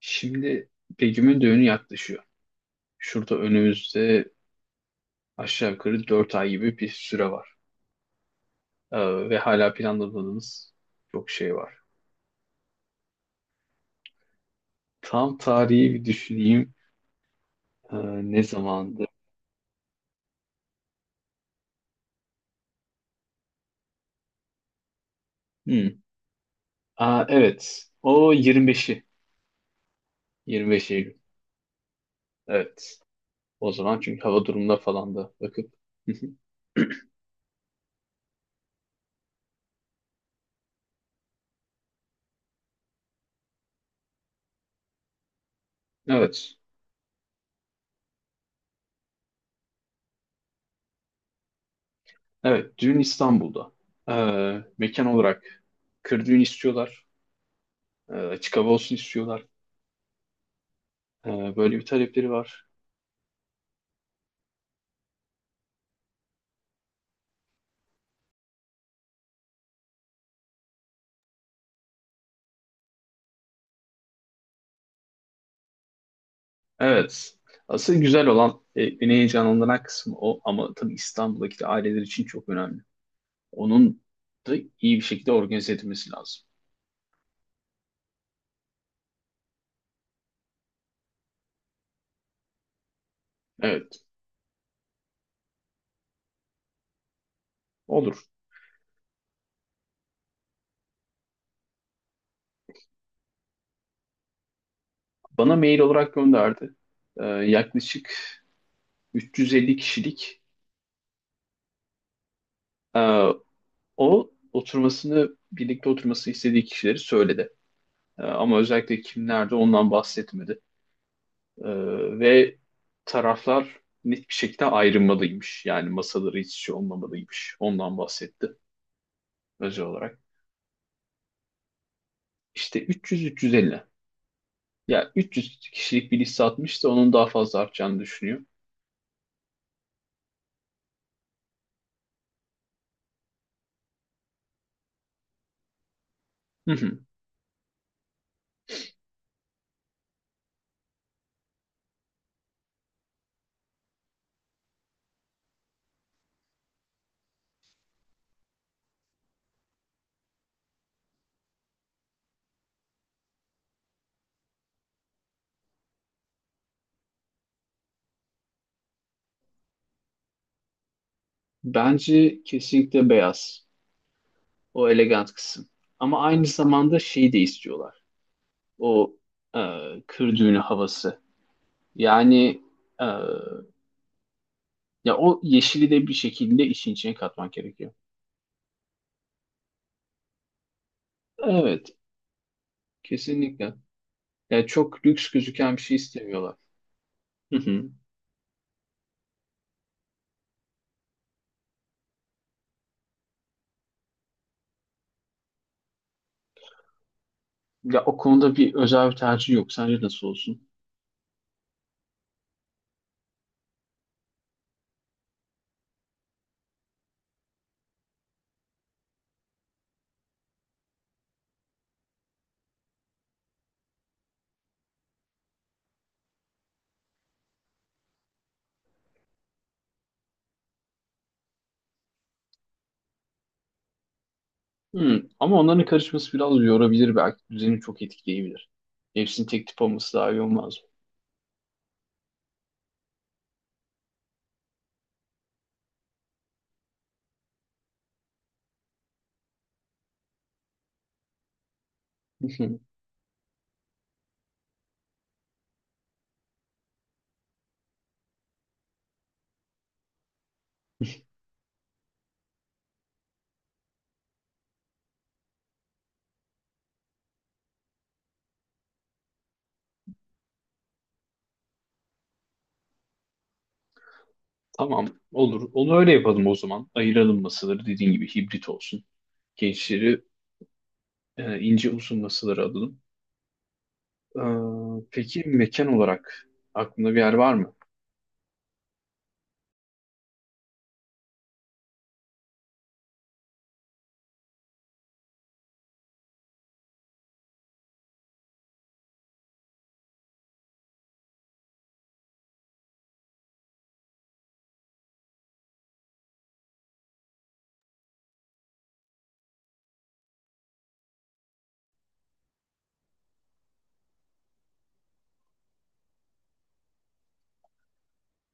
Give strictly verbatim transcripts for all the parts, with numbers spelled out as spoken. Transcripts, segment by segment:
Şimdi Begüm'ün düğünü yaklaşıyor. Şurada önümüzde aşağı yukarı dört ay gibi bir süre var. Ee, ve hala planladığımız çok şey var. Tam tarihi bir düşüneyim. Ee, Ne zamandı? Hmm. Aa, evet. O yirmi beşi. yirmi beş Eylül. Evet. O zaman çünkü hava durumuna falan da bakıp. Evet. Evet. Düğün İstanbul'da. Ee, mekan olarak kır düğün istiyorlar. Ee, açık hava olsun istiyorlar. Ee, böyle bir talepleri var. Evet. Asıl güzel olan, e, beni heyecanlandıran kısmı o ama tabii İstanbul'daki aileler için çok önemli. Onun da iyi bir şekilde organize edilmesi lazım. Evet, olur. Bana mail olarak gönderdi. Ee, yaklaşık üç yüz elli kişilik e, o oturmasını, birlikte oturmasını istediği kişileri söyledi. Ee, ama özellikle kimlerde ondan bahsetmedi. Ee, ve taraflar net bir şekilde ayrılmalıymış. Yani masaları hiç şey olmamalıymış. Ondan bahsetti. Özel olarak. İşte üç yüz üç yüz elli. Ya üç yüz kişilik bir liste atmışsa onun daha fazla artacağını düşünüyor. Hı hı. Bence kesinlikle beyaz. O elegant kısım. Ama aynı zamanda şeyi de istiyorlar. O e, kır düğünü havası. Yani e, ya o yeşili de bir şekilde işin içine katmak gerekiyor. Evet, kesinlikle. Yani çok lüks gözüken bir şey istemiyorlar. Hı hı. Ya o konuda bir özel bir tercih yok. Sence nasıl olsun? Hmm, Ama onların karışması biraz yorabilir belki. Düzeni çok etkileyebilir. Hepsini tek tip olması daha iyi olmaz mı? Hı hı. Tamam olur. Onu öyle yapalım o zaman. Ayıralım masaları dediğin gibi hibrit olsun. Gençleri e, ince uzun masaları alalım. Ee, peki mekan olarak aklında bir yer var mı?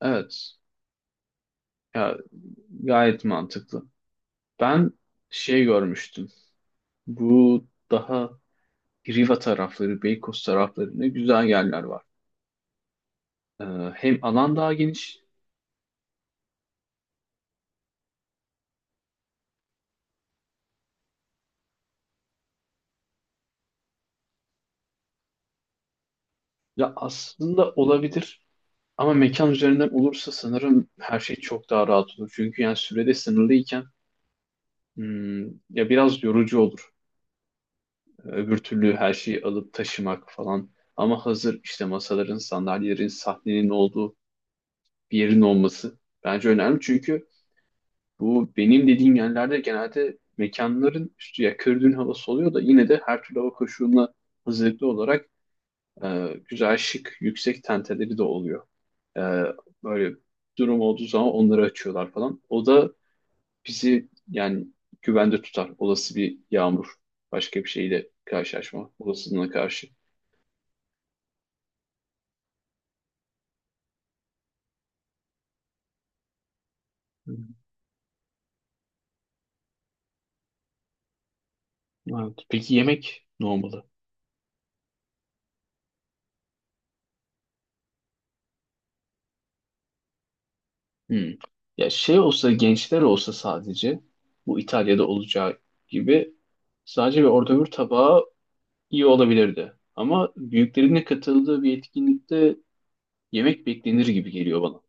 Evet. Ya, gayet mantıklı. Ben şey görmüştüm. Bu daha Riva tarafları, Beykoz taraflarında güzel yerler var. Ee, Hem alan daha geniş. Ya aslında olabilir ama mekan üzerinden olursa sanırım her şey çok daha rahat olur. Çünkü yani sürede sınırlıyken hmm, ya biraz yorucu olur. Öbür türlü her şeyi alıp taşımak falan. Ama hazır işte masaların, sandalyelerin, sahnenin olduğu bir yerin olması bence önemli. Çünkü bu benim dediğim yerlerde genelde mekanların üstü ya kördüğün havası oluyor da yine de her türlü hava koşuluna hazırlıklı olarak e, güzel şık yüksek tenteleri de oluyor. Ee, Böyle durum olduğu zaman onları açıyorlar falan. O da bizi yani güvende tutar. Olası bir yağmur, başka bir şeyle karşılaşma olasılığına karşı. Hı. Evet. Peki yemek ne olmalı? Hmm. Ya şey olsa gençler olsa sadece bu İtalya'da olacağı gibi sadece bir orta bir tabağı iyi olabilirdi. Ama büyüklerine katıldığı bir etkinlikte yemek beklenir gibi geliyor bana.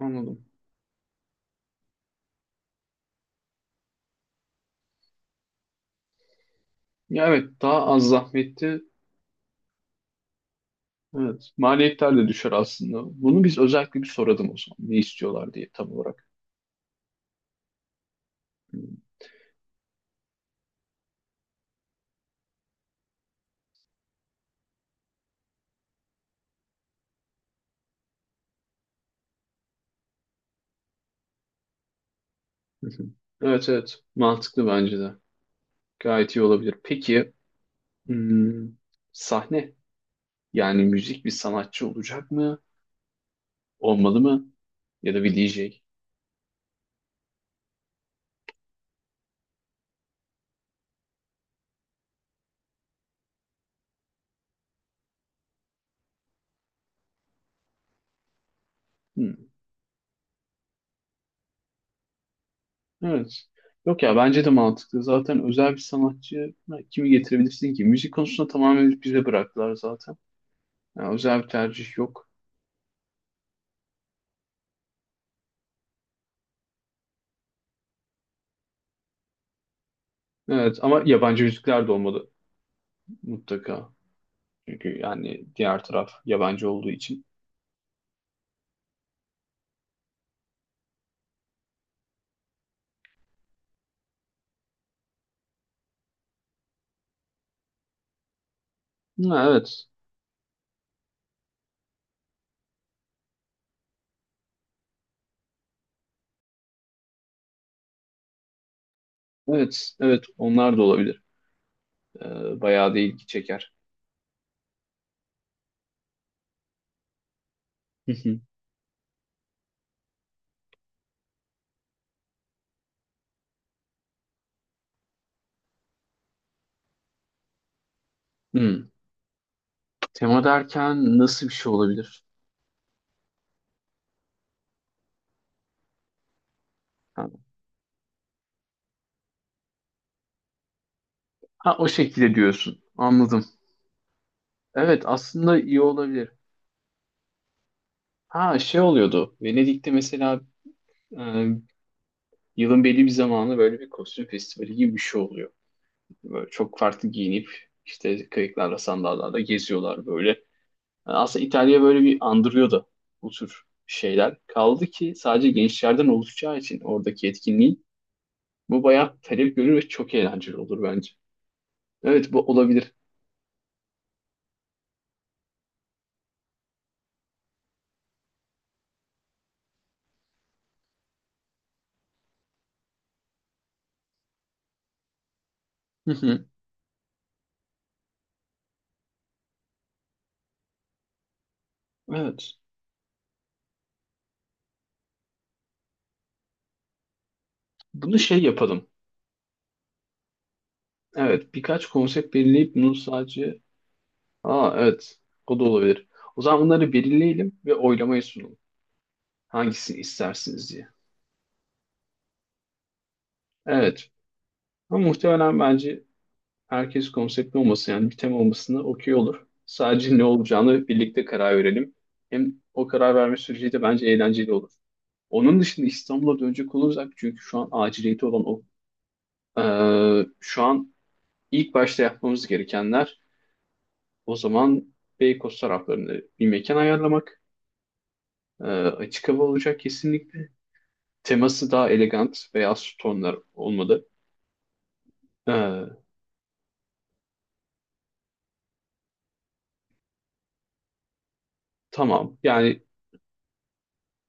Anladım. Ya evet daha az zahmetli. Evet, maliyetler de düşer aslında. Bunu biz özellikle bir soralım o zaman. Ne istiyorlar diye tam olarak. Hmm. Hı hı. Evet, evet, mantıklı bence de. Gayet iyi olabilir. Peki hmm, sahne yani müzik bir sanatçı olacak mı? Olmalı mı? Ya da bir D J? Hı, evet. Yok ya bence de mantıklı. Zaten özel bir sanatçı ha, kimi getirebilirsin ki? Müzik konusunda tamamen bize bıraktılar zaten. Yani özel bir tercih yok. Evet ama yabancı müzikler de olmalı mutlaka. Çünkü yani diğer taraf yabancı olduğu için. Ha, evet. Evet. Evet. Onlar da olabilir. Ee, bayağı da ilgi çeker. Hı hı. Hmm. Tema derken nasıl bir şey olabilir? Ha, ha, o şekilde diyorsun. Anladım. Evet aslında iyi olabilir. Ha şey oluyordu. Venedik'te mesela. Ee, Yılın belli bir zamanı böyle bir kostüm festivali gibi bir şey oluyor. Böyle çok farklı giyinip işte kayıklarla sandallarda geziyorlar böyle. Yani aslında İtalya böyle bir andırıyor da bu tür şeyler. Kaldı ki sadece gençlerden oluşacağı için oradaki etkinliği bu bayağı talep görür ve çok eğlenceli olur bence. Evet bu olabilir. Hı hı. Evet. Bunu şey yapalım. Evet birkaç konsept belirleyip bunu sadece... Aa evet, o da olabilir. O zaman bunları belirleyelim ve oylamaya sunalım. Hangisini istersiniz diye. Evet. Ama muhtemelen bence herkes konseptli olması yani bir tema olmasına okey olur. Sadece ne olacağını birlikte karar verelim. Hem o karar verme süreci de bence eğlenceli olur. Onun dışında İstanbul'a dönecek olursak çünkü şu an aciliyeti olan o. Ee, şu an ilk başta yapmamız gerekenler o zaman Beykoz taraflarında bir mekan ayarlamak. Ee, açık hava olacak kesinlikle. Teması daha elegant veya tonlar olmalı. Ee, tamam yani.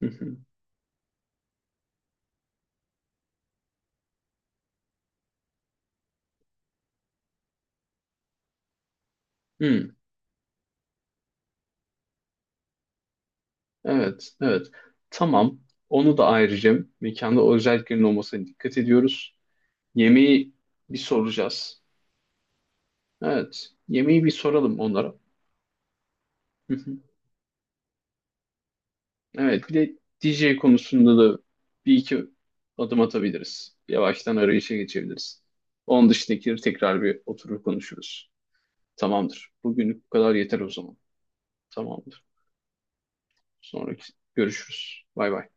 Hmm, evet, evet. Tamam. Onu da ayrıca mekanda o özelliklerin olmasına dikkat ediyoruz. Yemeği bir soracağız. Evet, yemeği bir soralım onlara. Hı hı. Evet, bir de D J konusunda da bir iki adım atabiliriz. Yavaştan arayışa geçebiliriz. Onun dışındakileri tekrar bir oturup konuşuruz. Tamamdır. Bugünlük bu kadar yeter o zaman. Tamamdır. Sonraki görüşürüz. Bay bay.